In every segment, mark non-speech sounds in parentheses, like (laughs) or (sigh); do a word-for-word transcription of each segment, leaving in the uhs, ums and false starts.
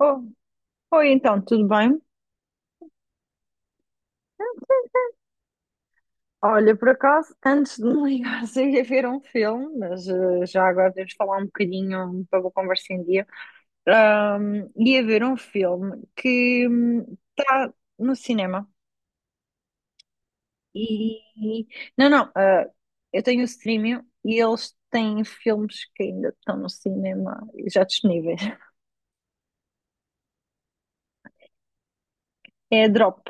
Oh, oi, então, tudo bem? Olha, por acaso, antes de me ligares, (laughs) eu ia ver um filme, mas eh, já agora deves falar um bocadinho para a conversa em dia. Ahm, ia ver um filme que está no cinema. E. Não, não, ah, eu tenho o streaming e eles têm filmes que ainda estão no cinema e já disponíveis. (laughs) É a Drop.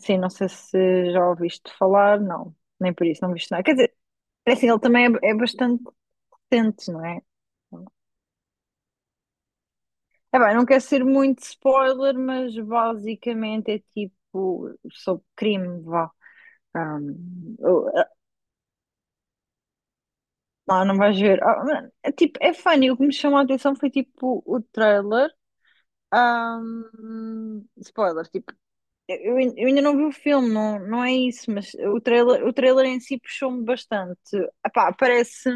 Sim, não sei se já ouviste falar, não, nem por isso, não viste nada. Quer dizer, é assim, ele também é, é bastante. Sentes, não é? É bem, não quero ser muito spoiler, mas basicamente é tipo sobre crime, vá. Um, não, não vais ver. Ah, mano, é tipo, é funny. O que me chamou a atenção foi tipo o trailer. Um, spoiler, tipo, Eu, ain- eu ainda não vi o filme, não, não é isso, mas o trailer, o trailer em si puxou-me bastante. Epá, parece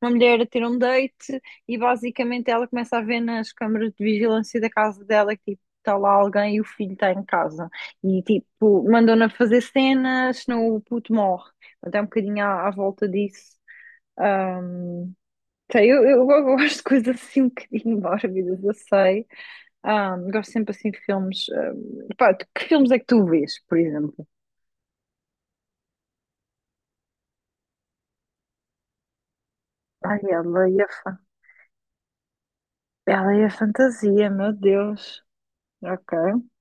uma mulher a ter um date e basicamente ela começa a ver nas câmaras de vigilância da casa dela que tipo, está lá alguém e o filho está em casa. E tipo, mandam-na fazer cenas, senão o puto morre. Portanto, é um bocadinho à, à volta disso. Ahm, Sei, eu, eu, eu gosto de coisas assim um bocadinho mórbidas, eu sei. Ah, gosto sempre assim de filmes. Ah, pá, tu- que filmes é que tu vês, por exemplo? Ai, ela e a, fa- ela e a fantasia, meu Deus. Ok.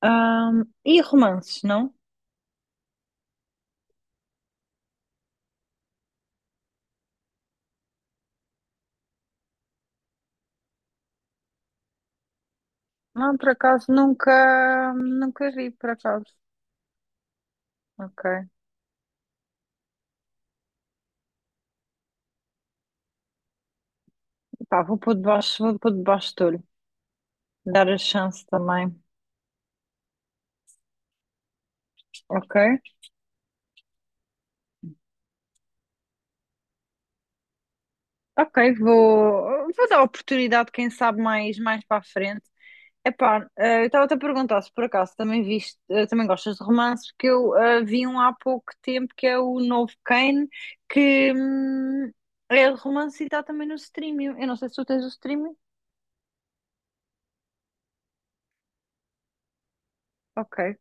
Ah, e romances, não? Não, por acaso nunca, nunca vi, por acaso. Ok. Pá, vou pôr debaixo, vou pôr debaixo do olho. Dar a chance também. Ok. Ok, vou, vou dar oportunidade, quem sabe, mais, mais para a frente. Epá, eh, eu estava-te a perguntar se por acaso também viste, eh, também gostas de romances, porque eu eh, vi um há pouco tempo que é o novo Kane, que hum, é de romance e está também no streaming. Eu não sei se tu tens o streaming. Ok.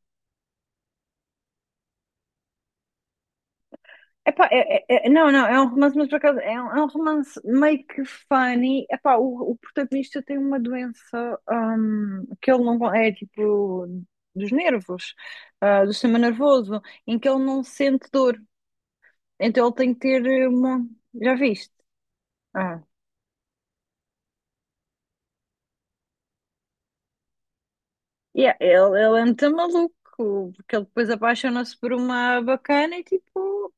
Epá, é, é- é- não, não, é um romance, mas por acaso é um, é um romance meio que funny. Epá, o, o protagonista tem uma doença hum, que ele não con- é tipo dos nervos, ah, do sistema nervoso, em que ele não sente dor. Então ele tem que ter uma. Já viste? Ah. Yeah, ele, ele é muito maluco, porque ele depois apaixona-se por uma bacana e tipo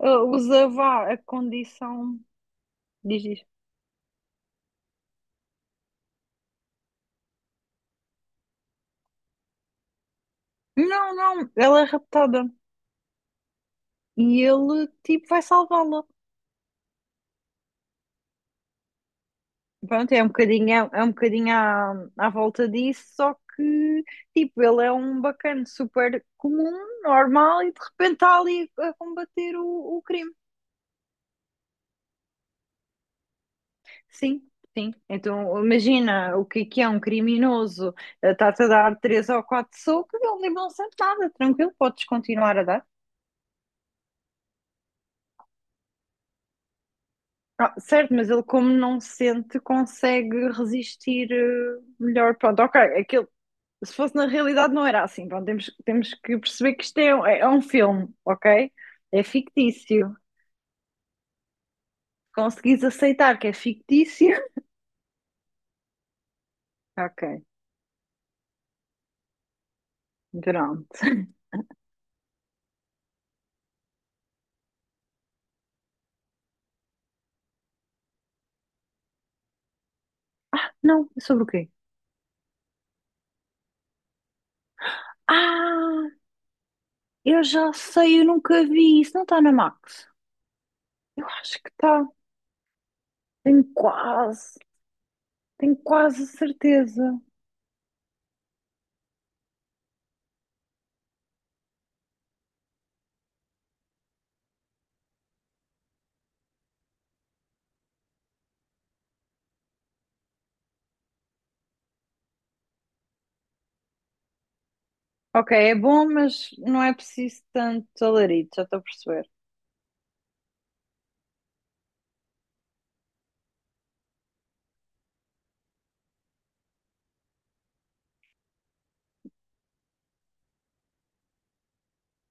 ah, usa vá, a condição. Diz, diz. Não, não, ela é raptada. E ele tipo vai salvá-la. Pronto, é um bocadinho, é, é um bocadinho à, à volta disso, só que tipo, ele é um bacana super comum, normal, e de repente está ali a combater o, o crime. Sim, sim. Então, imagina o que é que é um criminoso. Eh, Está-te a dar três ou quatro socos, ele não sente nada, tranquilo, podes continuar a dar. Ah, certo, mas ele, como não sente, consegue resistir eh, melhor. Pronto, ok, aquilo, se fosse na realidade, não era assim. Pronto, temos, temos que perceber que isto é, um- é um filme, ok? É fictício. Conseguis aceitar que é fictício? (laughs) Ok, pronto. Não, é sobre o quê? Ah! Eu já sei, eu nunca vi. Isso não está na Max. Eu acho que está. Tenho quase, tenho quase certeza. Ok, é bom, mas não é preciso tanto alarido, já estou a perceber.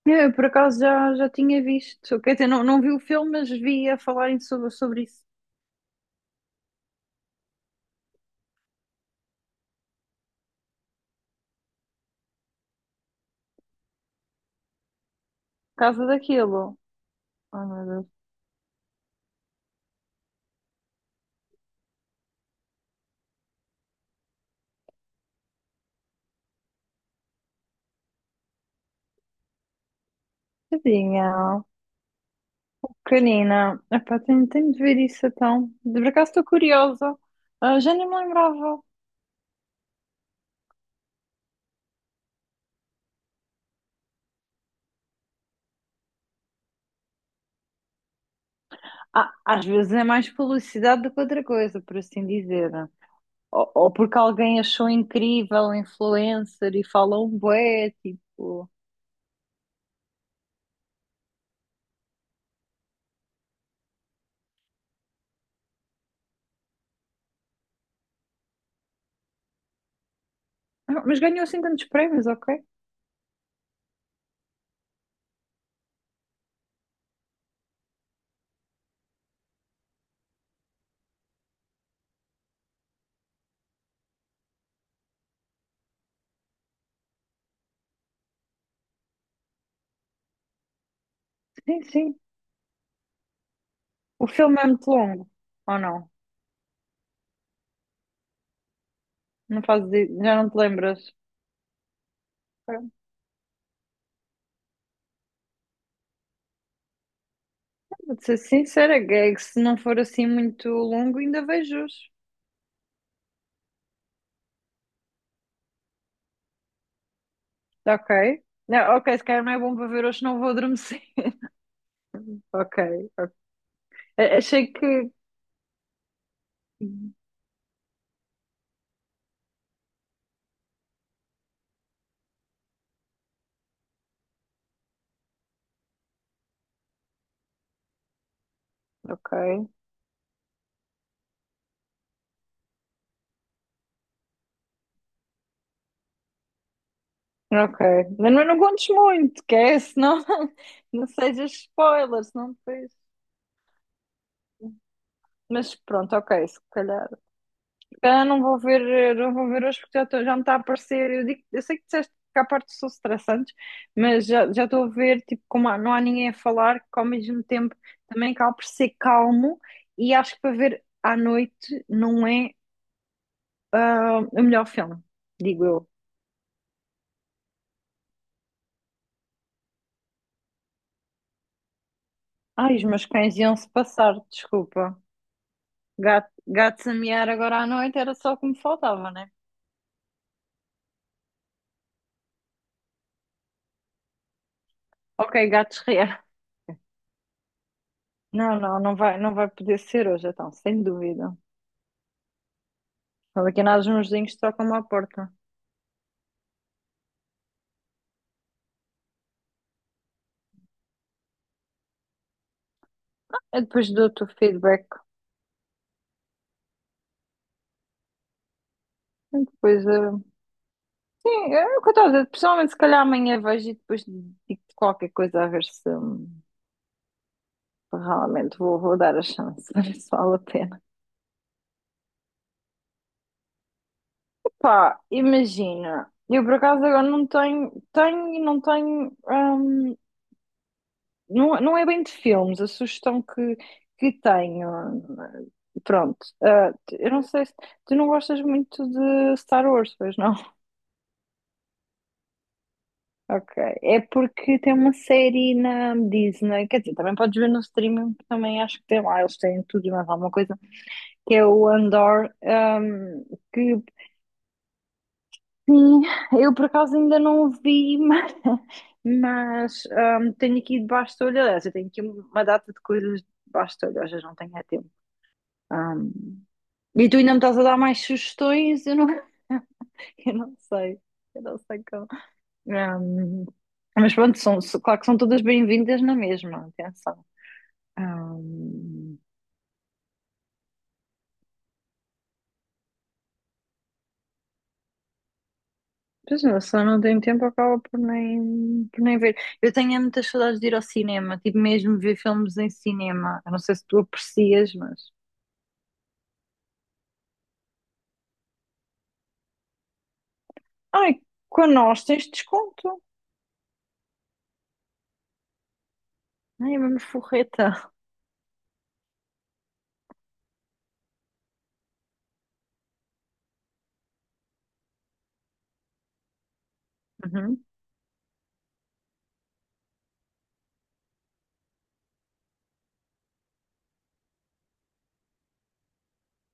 Eu, por acaso, já, já tinha visto. Quer dizer, não, não vi o filme, mas vi a falarem sobre, sobre isso. Por causa daquilo. Ai, meu Deus. Tadinha. Pequenina. Epá, tenho, tenho de ver isso então. De por acaso estou curiosa. Ah, já nem me lembrava. Ah, às vezes é mais publicidade do que outra coisa, por assim dizer. Ou, ou porque alguém achou incrível, um influencer, e falou um bué, tipo... Ah, mas ganhou assim tantos prémios, ok? Sim, sim. O filme é muito longo, ou não? Não fazes, i- já não te lembras? Pronto, vou ser sincera, que é que se não for assim muito longo, ainda vejo hoje. Ok? Não, ok, se calhar não é bom para ver hoje, não vou adormecer. (laughs) Ok. A- Achei que... Ok. Ok, mas não, não contes muito, que é, senão (laughs) não sejas spoiler, senão depois. Mas pronto, ok, se calhar. Se calhar não vou ver, eh, não vou ver hoje porque já, tô- já me está a aparecer. Eu, digo, eu sei que disseste que há partes que são estressantes, mas já já estou a ver, tipo, como há- não há ninguém a falar, que ao mesmo tempo também acaba por ser calmo e acho que para ver à noite não é ah, o melhor filme, digo eu. Ai, os meus cães iam-se passar, desculpa. Gato, gatos a miar agora à noite era só o que me faltava, né? Ok, gatos (laughs) reais. Não, não, não vai, não vai poder ser hoje, então, sem dúvida. Olha aqui nós mãozinhos tocam-me à porta. Eu depois dou-te o feedback. E depois, eh, sim, é o que eu estava a dizer. Pessoalmente, se calhar amanhã vejo e depois digo-te qualquer coisa a ver se hum, realmente vou, vou dar a chance, (laughs) a ver se vale a pena. Pá, imagina. Eu por acaso agora não tenho, tenho e não tenho hum, não, não é bem de filmes, a sugestão que, que tenho. Pronto, ah, eu não sei se tu não gostas muito de Star Wars, pois não? (laughs) Ok, é porque tem uma série na Disney, quer dizer, também podes ver no streaming, porque também acho que tem lá, eles têm tudo e mais alguma coisa, que é o Andor, ahm, que sim, eu por acaso ainda não o vi, (laughs) mas, mas, ahm, tenho aqui debaixo do olho, aliás, eu tenho aqui uma data de coisas debaixo do olho, às vezes não tenho é tempo. Ahm, e tu ainda me estás a dar mais sugestões? Eu não, (laughs) eu não sei. Eu não sei como. Ahm, mas pronto, são, são- claro que são todas bem-vindas na mesma, atenção. Ahm, Pois não, se eu só não tenho tempo, acaba por nem, por nem ver. Eu tenho é muitas saudades de ir ao cinema, tipo mesmo ver filmes em cinema. Eu não sei se tu aprecias, mas. Ai, com nós tens desconto. Ai, é mesmo forreta. Uhum.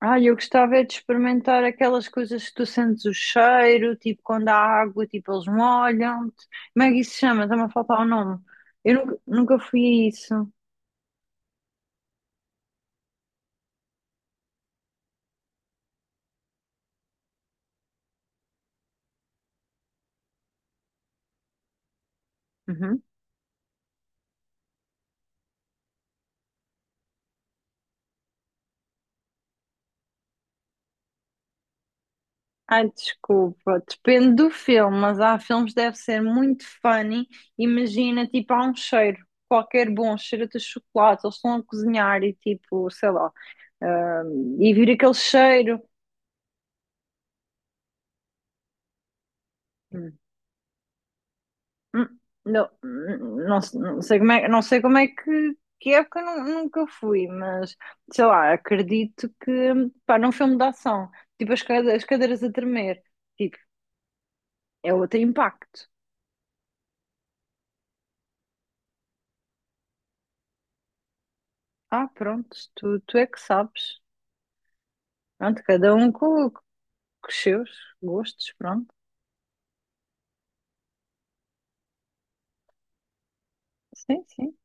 Ah, eu gostava é de experimentar aquelas coisas que tu sentes o cheiro, tipo quando há água, tipo eles molham-te. Como é que isso se chama? Está-me a faltar o nome. Eu nunca, nunca fui a isso. Uhum. Ai, desculpa. Depende do filme, mas há filmes que deve ser muito funny. Imagina, tipo, há um cheiro, qualquer bom cheiro de chocolate, eles estão a cozinhar e tipo, sei lá, ah, e vir aquele cheiro. Hum, Não, hum, não, não sei como é, não sei como é que, que época nu- nunca fui, mas sei lá, acredito que pá, num filme de ação, tipo as, cade- as cadeiras a tremer, tipo, é outro impacto. Ah, pronto, tu, tu é que sabes. Pronto, cada um com, com os seus gostos, pronto. Sim, sim.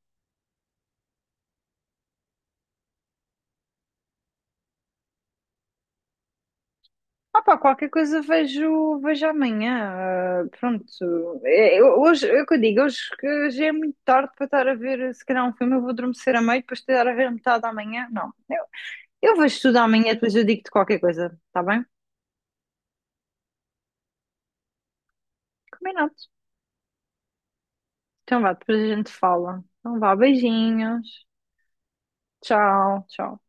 Ah pá, qualquer coisa vejo, vejo amanhã. Ah, pronto. É, eu- hoje, é o que eu digo, hoje que já é muito tarde para estar a ver, se calhar um filme, eu vou adormecer a meio, depois estar a ver a metade da manhã. Não. Eu, eu vejo tudo amanhã, depois eu digo-te qualquer coisa, tá bem? Combinado. Então vá, depois a gente fala. Então vá, beijinhos. Tchau, tchau.